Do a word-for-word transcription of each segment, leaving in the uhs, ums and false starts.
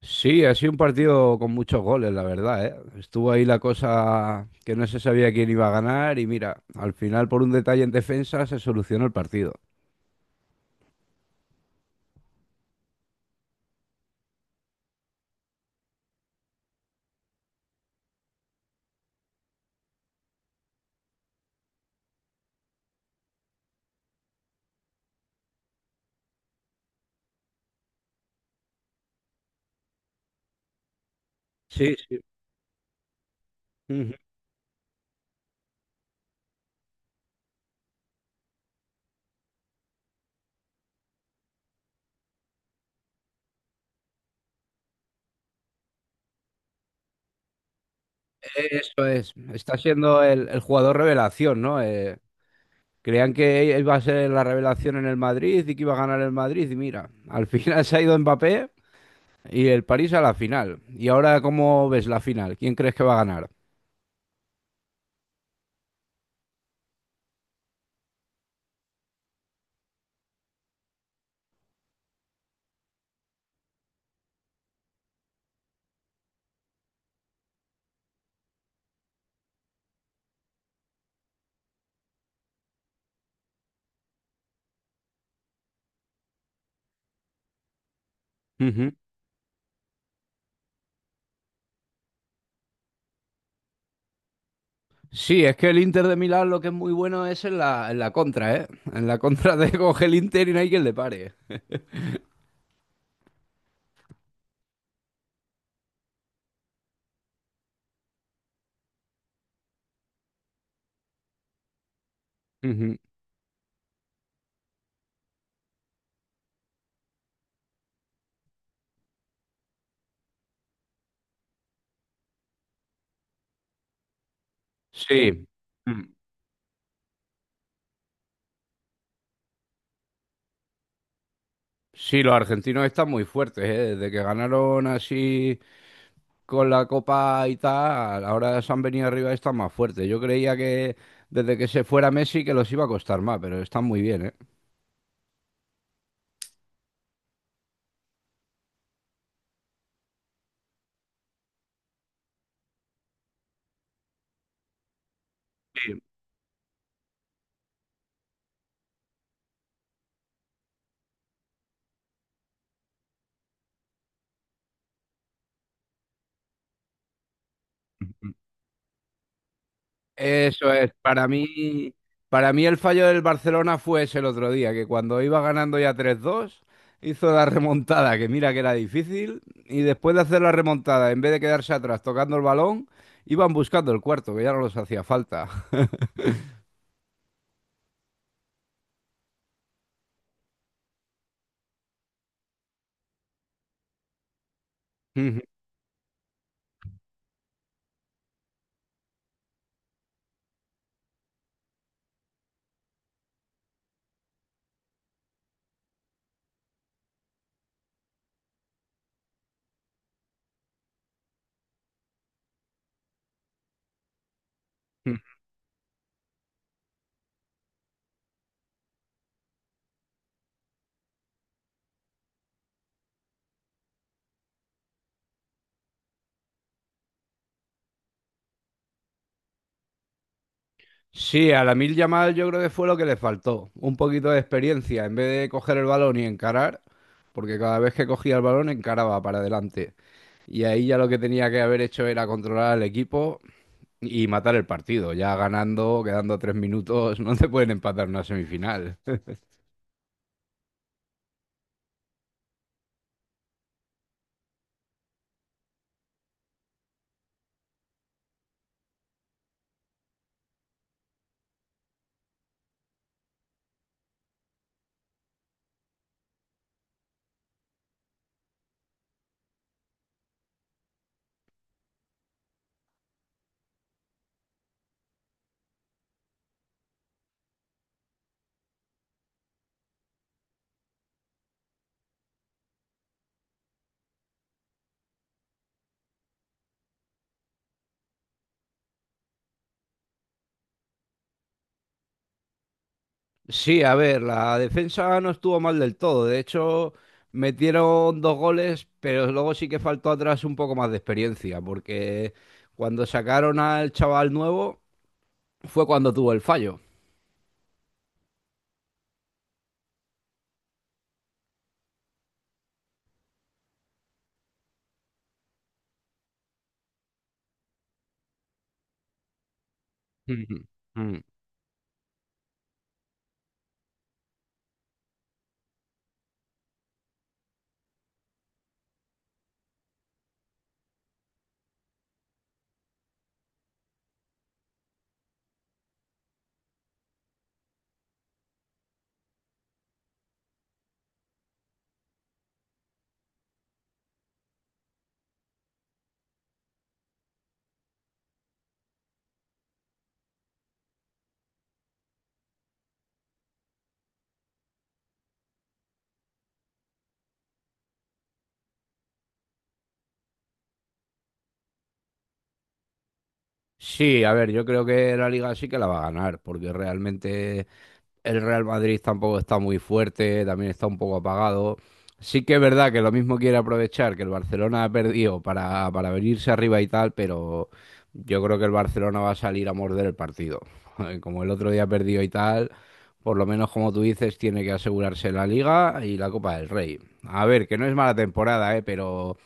Sí, ha sido un partido con muchos goles, la verdad, ¿eh? Estuvo ahí la cosa que no se sabía quién iba a ganar y mira, al final por un detalle en defensa se solucionó el partido. Sí, sí. Ujú. Eso es. Está siendo el, el jugador revelación, ¿no? Eh, creían que iba a ser la revelación en el Madrid y que iba a ganar el Madrid y mira, al final se ha ido Mbappé y el París a la final. Y ahora, ¿cómo ves la final? ¿Quién crees que va a ganar? Sí, es que el Inter de Milán lo que es muy bueno es en la, en la contra, ¿eh? En la contra de coge el Inter y no hay quien le pare. Ujú. Sí. Mm. Sí, los argentinos están muy fuertes, ¿eh? Desde que ganaron así con la Copa y tal, ahora se han venido arriba y están más fuertes. Yo creía que desde que se fuera Messi que los iba a costar más, pero están muy bien, ¿eh? Eso es, para mí, para mí el fallo del Barcelona fue ese el otro día, que cuando iba ganando ya tres dos hizo la remontada, que mira que era difícil, y después de hacer la remontada, en vez de quedarse atrás tocando el balón, iban buscando el cuarto, que ya no los hacía falta. Sí, a la mil Yamal yo creo que fue lo que le faltó, un poquito de experiencia, en vez de coger el balón y encarar, porque cada vez que cogía el balón encaraba para adelante. Y ahí ya lo que tenía que haber hecho era controlar al equipo y matar el partido, ya ganando, quedando tres minutos, no te pueden empatar una semifinal. Sí, a ver, la defensa no estuvo mal del todo. De hecho, metieron dos goles, pero luego sí que faltó atrás un poco más de experiencia, porque cuando sacaron al chaval nuevo fue cuando tuvo el fallo. Ujú. Mm. Sí, a ver, yo creo que la liga sí que la va a ganar, porque realmente el Real Madrid tampoco está muy fuerte, también está un poco apagado. Sí que es verdad que lo mismo quiere aprovechar que el Barcelona ha perdido para, para venirse arriba y tal, pero yo creo que el Barcelona va a salir a morder el partido. Como el otro día perdió y tal, por lo menos como tú dices, tiene que asegurarse la Liga y la Copa del Rey. A ver, que no es mala temporada, ¿eh? Pero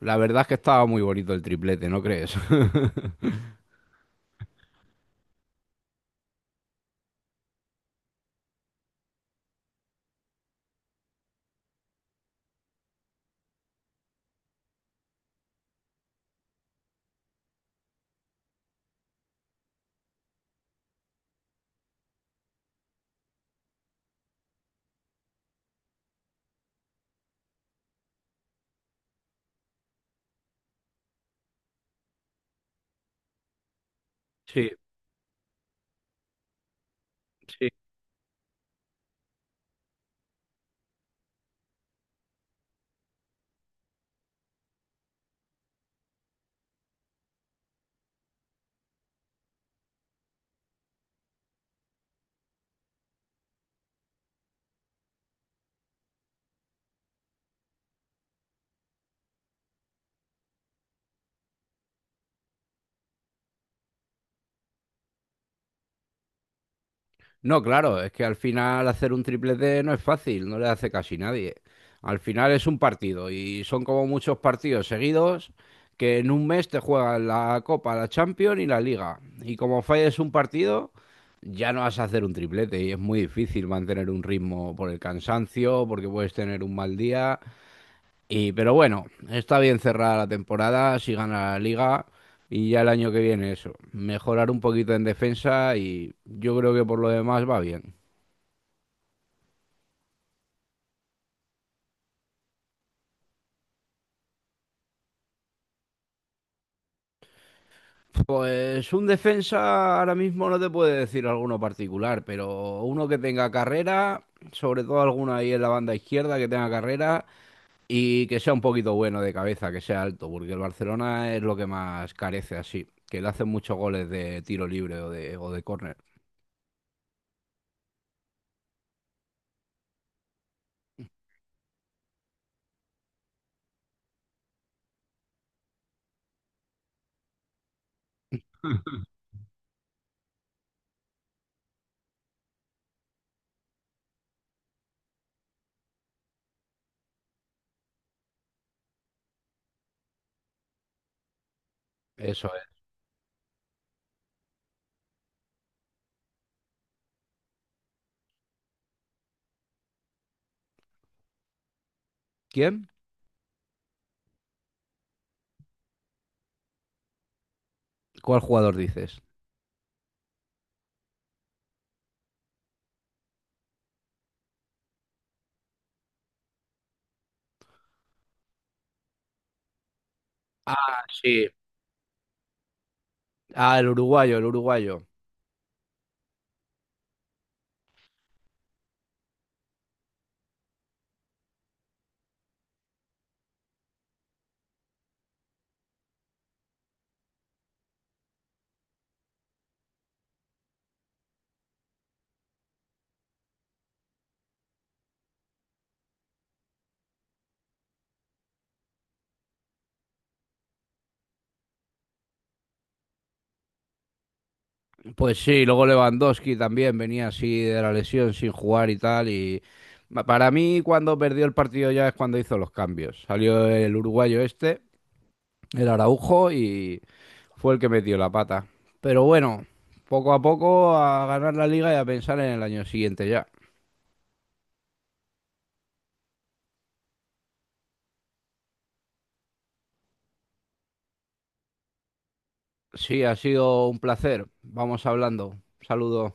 la verdad es que estaba muy bonito el triplete, ¿no crees? Sí, sí. No, claro, es que al final hacer un triplete no es fácil, no le hace casi nadie. Al final es un partido y son como muchos partidos seguidos que en un mes te juegan la Copa, la Champions y la Liga. Y como falles un partido, ya no vas a hacer un triplete y es muy difícil mantener un ritmo por el cansancio, porque puedes tener un mal día. Y, pero bueno, está bien cerrada la temporada, si gana la Liga. Y ya el año que viene eso, mejorar un poquito en defensa y yo creo que por lo demás va bien. Pues un defensa ahora mismo no te puede decir alguno particular, pero uno que tenga carrera, sobre todo alguno ahí en la banda izquierda que tenga carrera y que sea un poquito bueno de cabeza, que sea alto, porque el Barcelona es lo que más carece así, que le hacen muchos goles de tiro libre o de, o de córner. Eso es. ¿Quién? ¿Cuál jugador dices? Ah, sí. Ah, el uruguayo, el uruguayo. Pues sí, luego Lewandowski también venía así de la lesión sin jugar y tal. Y para mí, cuando perdió el partido ya es cuando hizo los cambios. Salió el uruguayo este, el Araujo, y fue el que metió la pata. Pero bueno, poco a poco a ganar la liga y a pensar en el año siguiente ya. Sí, ha sido un placer. Vamos hablando. Saludos.